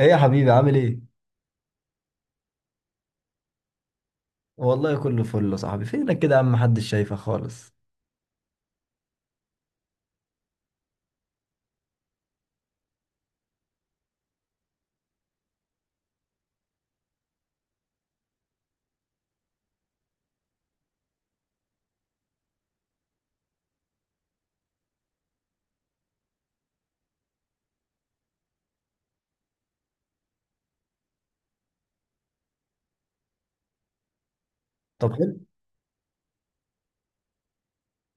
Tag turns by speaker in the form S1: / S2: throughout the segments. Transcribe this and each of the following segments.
S1: ايه يا حبيبي عامل ايه؟ والله كله فل يا صاحبي. فينك كده يا عم، محدش شايفك خالص؟ طب حلو.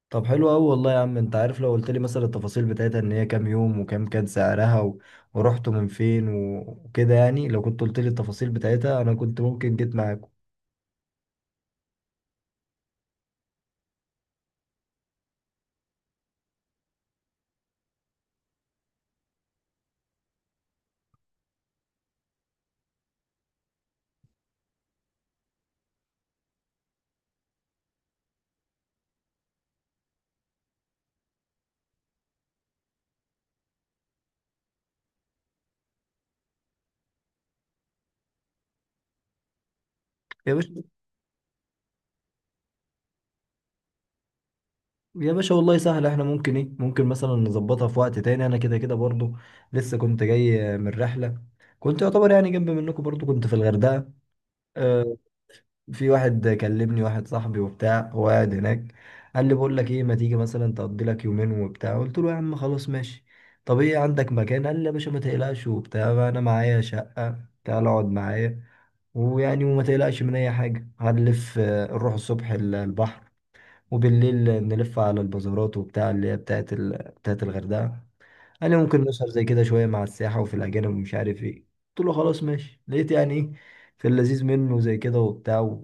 S1: طب حلو قوي والله يا عم، انت عارف لو قلت لي مثلا التفاصيل بتاعتها، ان هي كام يوم وكام كان سعرها ورحتوا من فين وكده، يعني لو كنت قلت لي التفاصيل بتاعتها انا كنت ممكن جيت معاكم. يا باشا. يا باشا والله سهل، احنا ممكن ايه ممكن مثلا نظبطها في وقت تاني. انا كده كده برضو لسه كنت جاي من رحلة. كنت يعتبر يعني جنب منكم، برضو كنت في الغردقة. آه، في واحد كلمني، واحد صاحبي وبتاع، هو قاعد هناك. قال لي: بقول لك ايه، ما تيجي مثلا تقضي لك يومين وبتاع؟ قلت له يا عم خلاص ماشي. طب ايه، عندك مكان؟ قال لي يا باشا ما تقلقش وبتاع، انا معايا شقة، تعال اقعد معايا، ويعني وما تقلقش من اي حاجة، هنلف نروح الصبح البحر، وبالليل نلف على البازارات وبتاع، اللي هي بتاعت بتاعت الغردقة. قال لي ممكن نسهر زي كده شوية مع السياحة وفي الأجانب ومش عارف ايه. قلت له خلاص ماشي. لقيت يعني ايه، في اللذيذ منه زي كده وبتاع،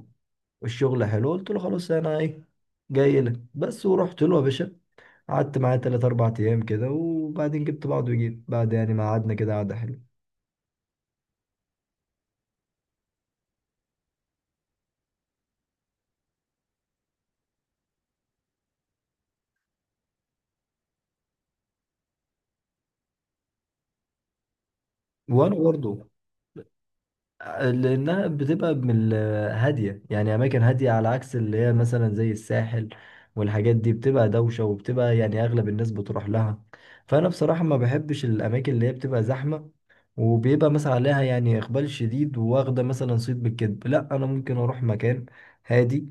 S1: والشغل حلو. قلت له خلاص، انا ايه جاي لك بس. ورحت له يا باشا، قعدت معاه 3 4 ايام كده، وبعدين جبت بعض وجيت بعد، يعني ما قعدنا كده قعده حلوه. وانا برضه. لأنها بتبقى هادية، يعني أماكن هادية، على عكس اللي هي مثلا زي الساحل، والحاجات دي بتبقى دوشة، وبتبقى يعني أغلب الناس بتروح لها. فأنا بصراحة ما بحبش الأماكن اللي هي بتبقى زحمة، وبيبقى مثلا عليها يعني إقبال شديد، وواخدة مثلا صيت بالكذب. لا، أنا ممكن أروح مكان هادي،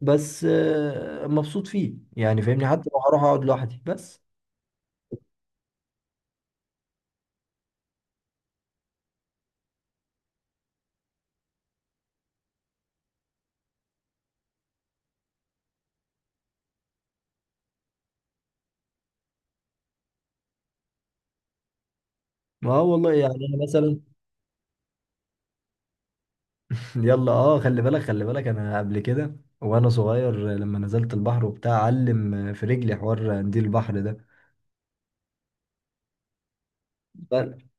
S1: بس مبسوط فيه، يعني فاهمني، حتى لو هروح أقعد لوحدي بس. ما هو والله يعني أنا مثلا، يلا اه، خلي بالك خلي بالك، انا قبل كده وانا صغير لما نزلت البحر وبتاع علم في رجلي حوار قنديل البحر ده.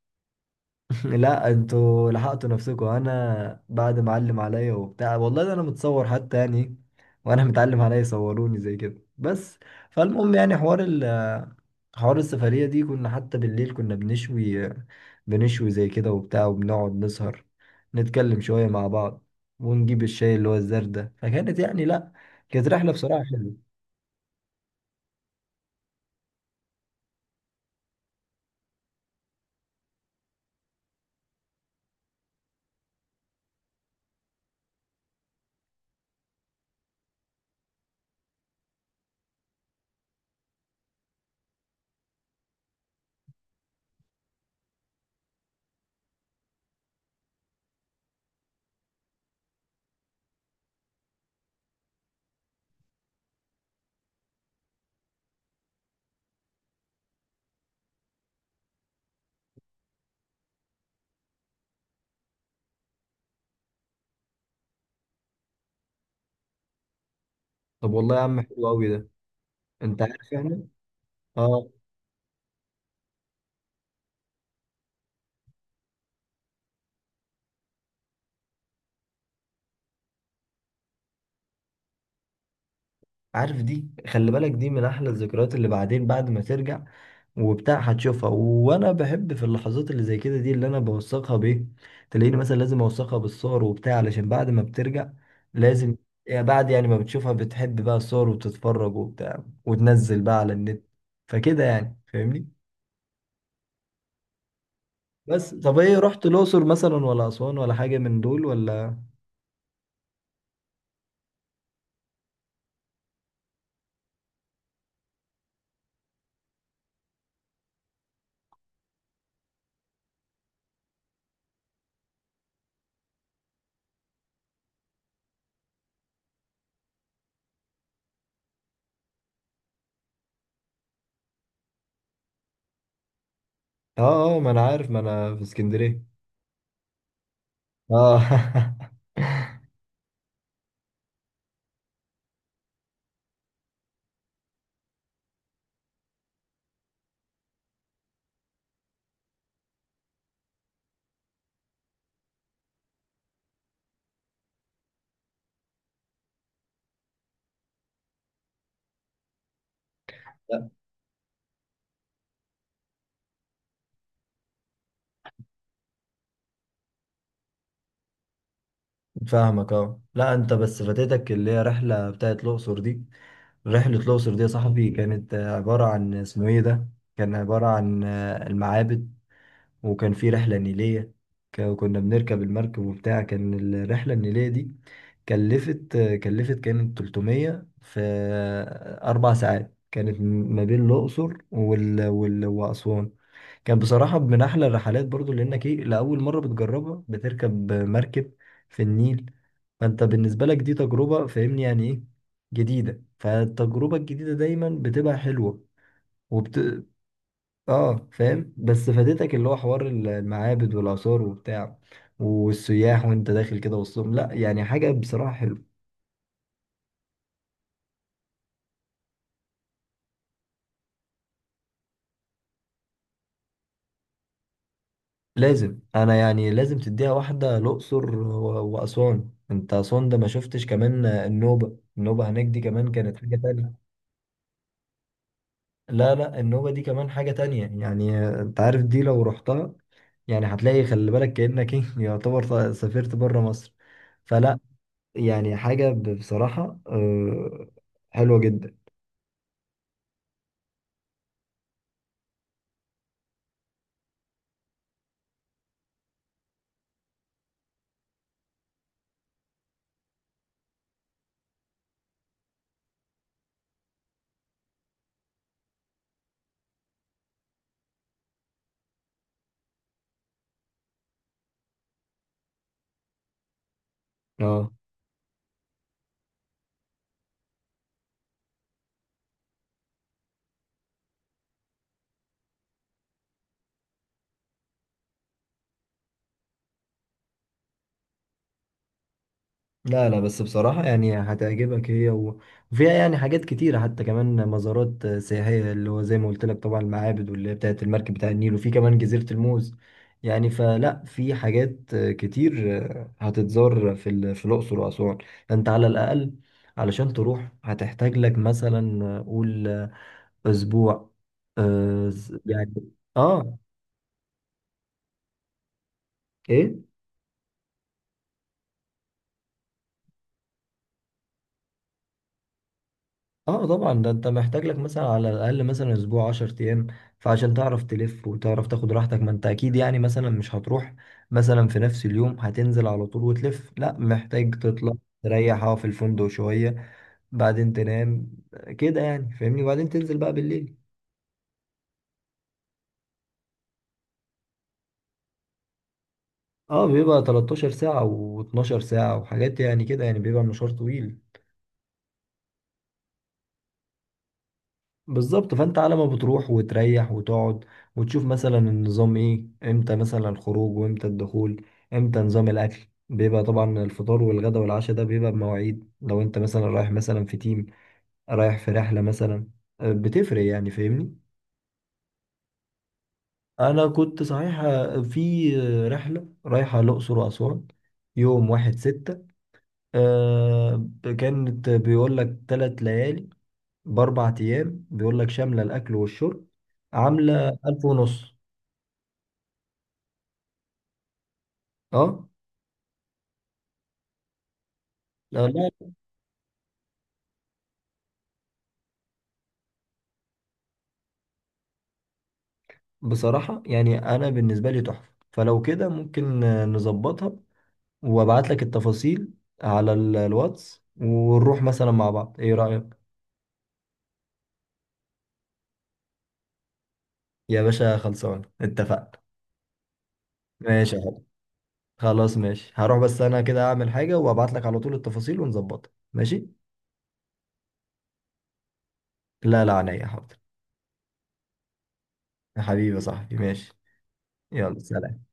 S1: لا، انتوا لحقتوا نفسكم، انا بعد ما علم عليا وبتاع، والله ده انا متصور حتى، يعني وانا متعلم عليا صوروني زي كده بس. فالمهم يعني حوار السفرية دي، كنا حتى بالليل كنا بنشوي، بنشوي زي كده وبتاع، وبنقعد نسهر، نتكلم شوية مع بعض، ونجيب الشاي اللي هو الزردة. فكانت يعني، لا، كانت رحلة بصراحة حلوة. طب والله يا عم حلو قوي ده، انت عارف يعني. اه، عارف دي، خلي بالك، دي من احلى الذكريات، اللي بعدين بعد ما ترجع وبتاع هتشوفها. وانا بحب في اللحظات اللي زي كده دي، اللي انا بوثقها بايه، تلاقيني مثلا لازم اوثقها بالصور وبتاع، علشان بعد ما بترجع لازم، يعني بعد يعني ما بتشوفها بتحب بقى الصور، وبتتفرج وبتاع، وتنزل بقى على النت. فكده يعني فاهمني. بس طب ايه، رحت الاقصر مثلا ولا اسوان ولا حاجه من دول ولا؟ اه اه، ما انا عارف، ما انا في اسكندريه. اه لا، فاهمك. اه لا، انت بس فاتتك اللي هي رحله بتاعت الاقصر دي. رحلة الأقصر دي يا صاحبي كانت عبارة عن، اسمه إيه ده؟ كان عبارة عن المعابد، وكان في رحلة نيلية. كنا بنركب المركب وبتاع. كان الرحلة النيلية دي كلفت كانت 300 في 4 ساعات، كانت ما بين الأقصر وأسوان. كان بصراحة من أحلى الرحلات برضو، لأنك إيه، لأول مرة بتجربها، بتركب مركب في النيل. فأنت بالنسبة لك دي تجربة، فاهمني يعني إيه، جديدة، فالتجربة الجديدة دايما بتبقى حلوة وبت آه، فاهم، بس فاتتك اللي هو حوار المعابد والآثار وبتاع، والسياح، وأنت داخل كده وسطهم. لأ، يعني حاجة بصراحة حلوة. لازم، أنا يعني لازم تديها واحدة، الأقصر وأسوان. أنت أسوان ده ما شفتش كمان النوبة. النوبة هناك دي كمان كانت حاجة تانية. لا لا، النوبة دي كمان حاجة تانية يعني، انت عارف دي لو رحتها، يعني هتلاقي، خلي بالك، كأنك ايه يعتبر سافرت بره مصر. فلا، يعني حاجة بصراحة حلوة جدا. اه. لا لا، بس بصراحة يعني هتعجبك هي وفيها يعني حاجات كتيرة، حتى كمان مزارات سياحية، اللي هو زي ما قلت لك، طبعا المعابد واللي هي بتاعت المركب بتاع النيل، وفي كمان جزيرة الموز. يعني فلا، في حاجات كتير هتتزار في الأقصر وأسوان. أنت على الأقل علشان تروح هتحتاج لك مثلا قول أسبوع. آه، يعني، آه، إيه. اه طبعا، ده انت محتاج لك مثلا على الاقل مثلا اسبوع 10 ايام، فعشان تعرف تلف وتعرف تاخد راحتك، ما انت اكيد يعني مثلا مش هتروح مثلا في نفس اليوم هتنزل على طول وتلف. لا، محتاج تطلع تريح اه في الفندق شوية، بعدين تنام كده، يعني فاهمني، وبعدين تنزل بقى بالليل. اه، بيبقى 13 ساعة و12 ساعة وحاجات يعني كده، يعني بيبقى مشوار طويل. بالظبط. فانت على ما بتروح وتريح وتقعد، وتشوف مثلا النظام ايه، امتى مثلا الخروج وامتى الدخول، امتى نظام الاكل، بيبقى طبعا الفطار والغدا والعشاء ده بيبقى بمواعيد. لو انت مثلا رايح مثلا في تيم، رايح في رحلة مثلا، بتفرق، يعني فاهمني. انا كنت صحيح في رحلة رايحة الاقصر واسوان، يوم واحد ستة، آه، كانت بيقول لك 3 ليالي باربع ايام، بيقول لك شاملة الاكل والشرب، عاملة 1500. اه. لا لا، بصراحة يعني انا بالنسبة لي تحفة. فلو كده ممكن نظبطها وابعت لك التفاصيل على الواتس، ونروح مثلا مع بعض. ايه رأيك؟ يا باشا خلصان، اتفقنا. ماشي يا حبيبي. خلاص ماشي، هروح بس انا كده اعمل حاجة وابعت لك على طول التفاصيل ونظبطها، ماشي. لا لا، عينيا حاضر. يا حبيبي يا صاحبي، ماشي. يلا سلام.